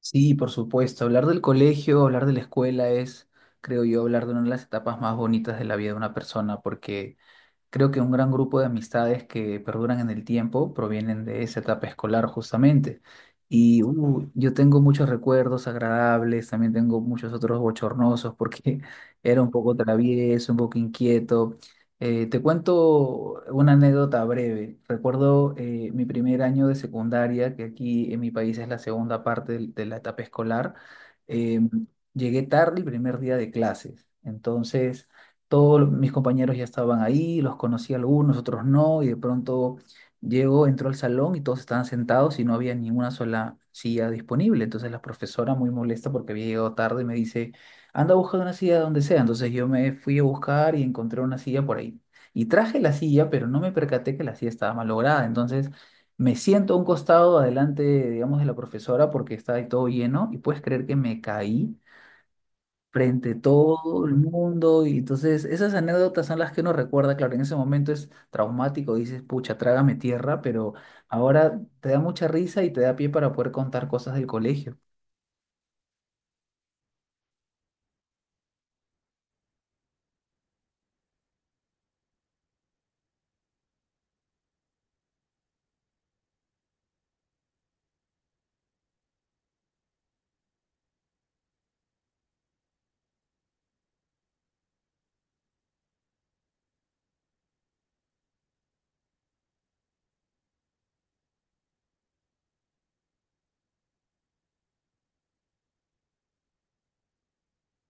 Sí, por supuesto. Hablar del colegio, hablar de la escuela es, creo yo, hablar de una de las etapas más bonitas de la vida de una persona, porque creo que un gran grupo de amistades que perduran en el tiempo provienen de esa etapa escolar justamente. Y yo tengo muchos recuerdos agradables, también tengo muchos otros bochornosos porque era un poco travieso, un poco inquieto. Te cuento una anécdota breve. Recuerdo mi primer año de secundaria, que aquí en mi país es la segunda parte de la etapa escolar. Em, Llegué tarde el primer día de clases. Entonces, todos mis compañeros ya estaban ahí, los conocí algunos, otros no, y de pronto llegó, entró al salón y todos estaban sentados y no había ninguna sola silla disponible. Entonces la profesora, muy molesta porque había llegado tarde, me dice, anda a buscar una silla donde sea. Entonces yo me fui a buscar y encontré una silla por ahí. Y traje la silla, pero no me percaté que la silla estaba malograda. Entonces me siento a un costado adelante, digamos, de la profesora porque estaba ahí todo lleno y puedes creer que me caí frente a todo el mundo. Y entonces esas anécdotas son las que uno recuerda, claro, en ese momento es traumático, dices, pucha, trágame tierra, pero ahora te da mucha risa y te da pie para poder contar cosas del colegio.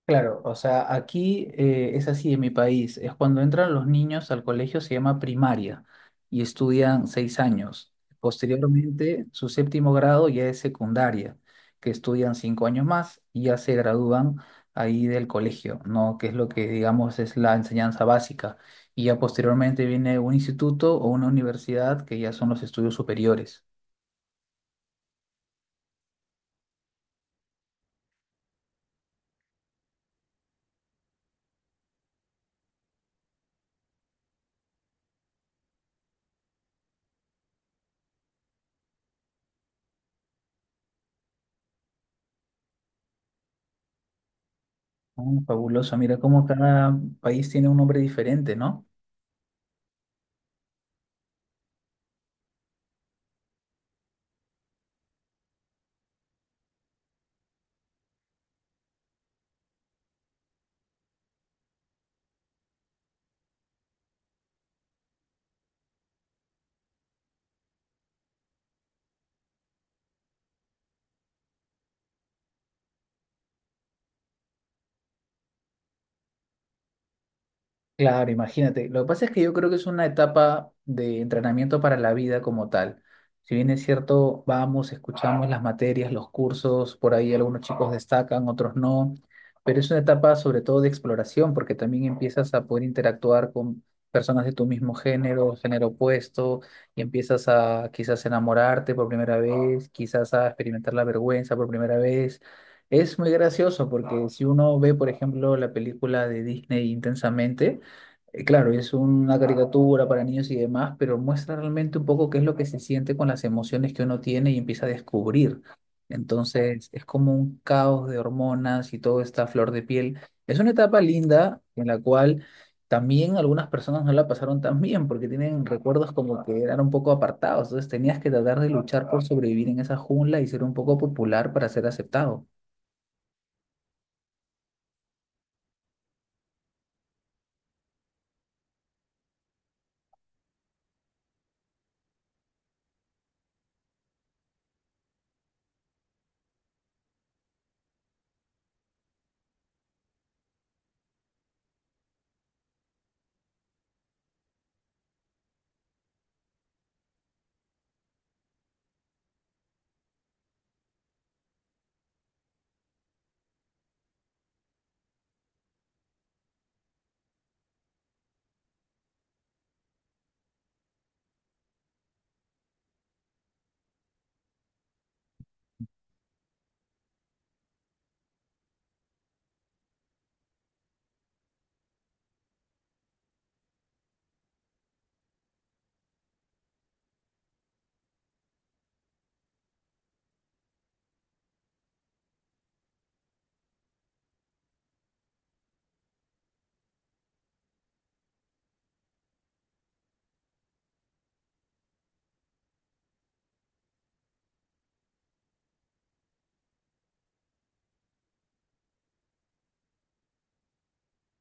Claro, o sea, aquí es así en mi país, es cuando entran los niños al colegio se llama primaria y estudian 6 años. Posteriormente, su séptimo grado ya es secundaria, que estudian 5 años más y ya se gradúan ahí del colegio, ¿no? Que es lo que digamos es la enseñanza básica. Y ya posteriormente viene un instituto o una universidad que ya son los estudios superiores. Ah, fabuloso, mira cómo cada país tiene un nombre diferente, ¿no? Claro, imagínate. Lo que pasa es que yo creo que es una etapa de entrenamiento para la vida como tal. Si bien es cierto, vamos, escuchamos las materias, los cursos, por ahí algunos chicos destacan, otros no, pero es una etapa sobre todo de exploración, porque también empiezas a poder interactuar con personas de tu mismo género, género opuesto, y empiezas a quizás enamorarte por primera vez, quizás a experimentar la vergüenza por primera vez. Es muy gracioso porque si uno ve, por ejemplo, la película de Disney Intensamente, claro, es una caricatura para niños y demás, pero muestra realmente un poco qué es lo que se siente con las emociones que uno tiene y empieza a descubrir. Entonces, es como un caos de hormonas y todo está a flor de piel. Es una etapa linda en la cual también algunas personas no la pasaron tan bien porque tienen recuerdos como que eran un poco apartados. Entonces, tenías que tratar de luchar por sobrevivir en esa jungla y ser un poco popular para ser aceptado.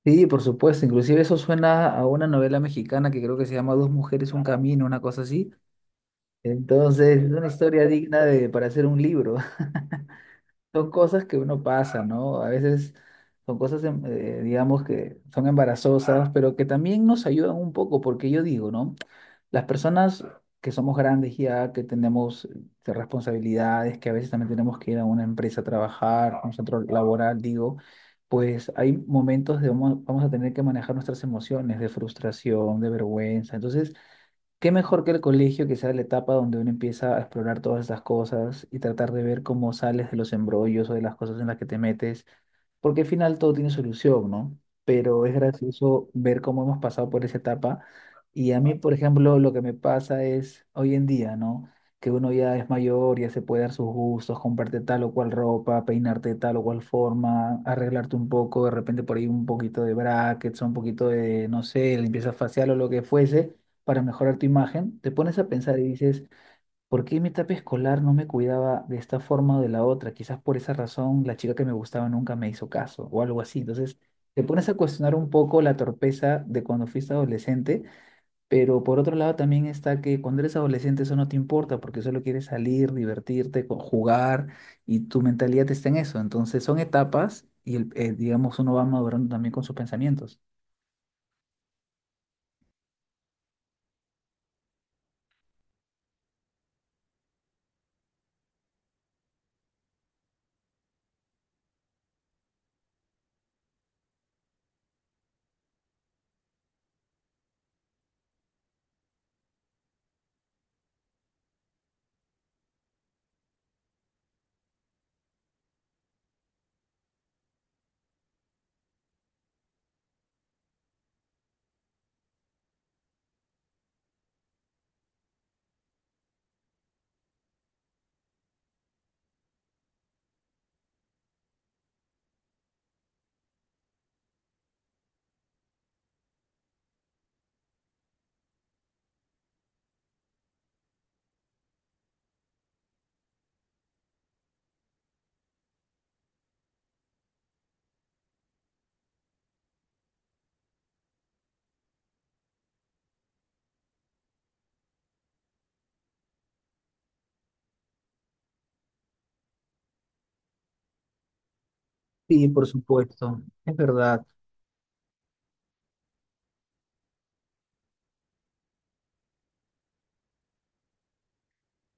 Sí, por supuesto. Inclusive eso suena a una novela mexicana que creo que se llama Dos mujeres, un camino, una cosa así. Entonces, es una historia digna de, para hacer un libro. Son cosas que uno pasa, ¿no? A veces son cosas, digamos, que son embarazosas, pero que también nos ayudan un poco, porque yo digo, ¿no? Las personas que somos grandes ya, que tenemos responsabilidades, que a veces también tenemos que ir a una empresa a trabajar, a un centro laboral, digo, pues hay momentos de vamos, vamos a tener que manejar nuestras emociones de frustración, de vergüenza. Entonces, qué mejor que el colegio, que sea la etapa donde uno empieza a explorar todas esas cosas y tratar de ver cómo sales de los embrollos o de las cosas en las que te metes, porque al final todo tiene solución, ¿no? Pero es gracioso ver cómo hemos pasado por esa etapa. Y a mí, por ejemplo, lo que me pasa es hoy en día, ¿no? Que uno ya es mayor, ya se puede dar sus gustos, comprarte tal o cual ropa, peinarte de tal o cual forma, arreglarte un poco, de repente por ahí un poquito de brackets, o un poquito de, no sé, limpieza facial o lo que fuese para mejorar tu imagen, te pones a pensar y dices, ¿por qué en mi etapa escolar no me cuidaba de esta forma o de la otra? Quizás por esa razón la chica que me gustaba nunca me hizo caso o algo así. Entonces, te pones a cuestionar un poco la torpeza de cuando fuiste adolescente, pero por otro lado también está que cuando eres adolescente eso no te importa porque solo quieres salir, divertirte, jugar y tu mentalidad está en eso. Entonces, son etapas y, digamos, uno va madurando también con sus pensamientos. Sí, por supuesto, es verdad.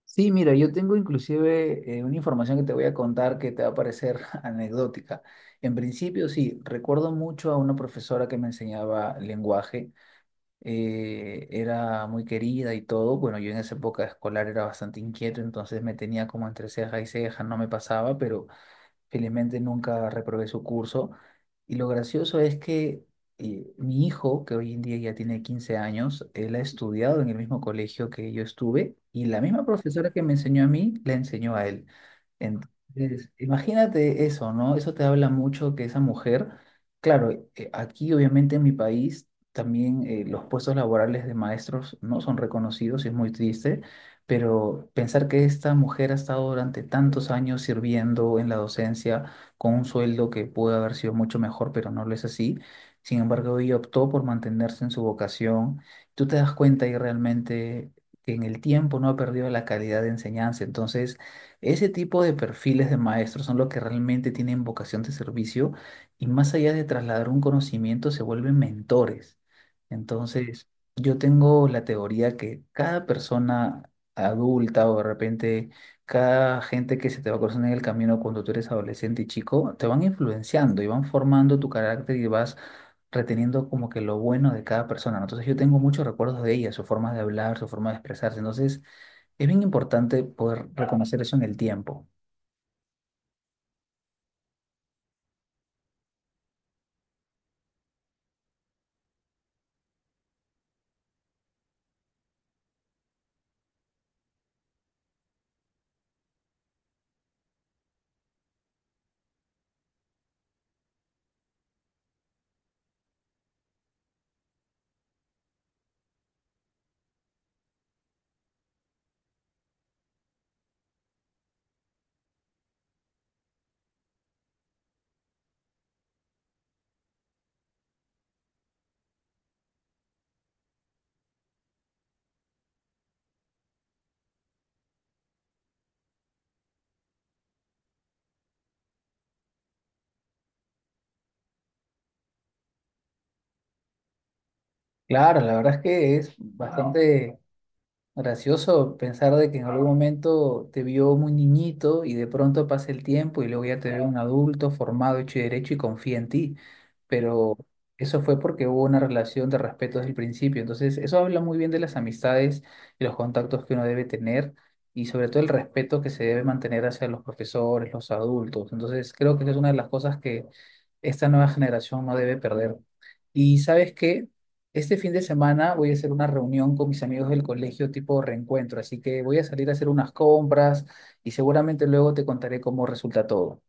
Sí, mira, yo tengo inclusive una información que te voy a contar que te va a parecer anecdótica. En principio, sí, recuerdo mucho a una profesora que me enseñaba lenguaje. Eh, era muy querida y todo. Bueno, yo en esa época escolar era bastante inquieto, entonces me tenía como entre ceja y ceja, no me pasaba, pero felizmente nunca reprobé su curso. Y lo gracioso es que mi hijo, que hoy en día ya tiene 15 años, él ha estudiado en el mismo colegio que yo estuve y la misma profesora que me enseñó a mí, la enseñó a él. Entonces, imagínate eso, ¿no? Eso te habla mucho que esa mujer, claro, aquí obviamente en mi país también los puestos laborales de maestros no son reconocidos, y es muy triste, pero pensar que esta mujer ha estado durante tantos años sirviendo en la docencia con un sueldo que pudo haber sido mucho mejor, pero no lo es así. Sin embargo, ella optó por mantenerse en su vocación. Tú te das cuenta y realmente que en el tiempo no ha perdido la calidad de enseñanza. Entonces, ese tipo de perfiles de maestros son los que realmente tienen vocación de servicio y más allá de trasladar un conocimiento, se vuelven mentores. Entonces, yo tengo la teoría que cada persona adulta o de repente cada gente que se te va cruzando en el camino cuando tú eres adolescente y chico, te van influenciando y van formando tu carácter y vas reteniendo como que lo bueno de cada persona, ¿no? Entonces yo tengo muchos recuerdos de ella, su forma de hablar, su forma de expresarse, entonces es bien importante poder reconocer eso en el tiempo. Claro, la verdad es que es bastante gracioso pensar de que en algún momento te vio muy niñito y de pronto pasa el tiempo y luego ya te ve un adulto formado, hecho y derecho y confía en ti. Pero eso fue porque hubo una relación de respeto desde el principio. Entonces, eso habla muy bien de las amistades y los contactos que uno debe tener y sobre todo el respeto que se debe mantener hacia los profesores, los adultos. Entonces, creo que esa es una de las cosas que esta nueva generación no debe perder. Y sabes qué, este fin de semana voy a hacer una reunión con mis amigos del colegio tipo reencuentro, así que voy a salir a hacer unas compras y seguramente luego te contaré cómo resulta todo.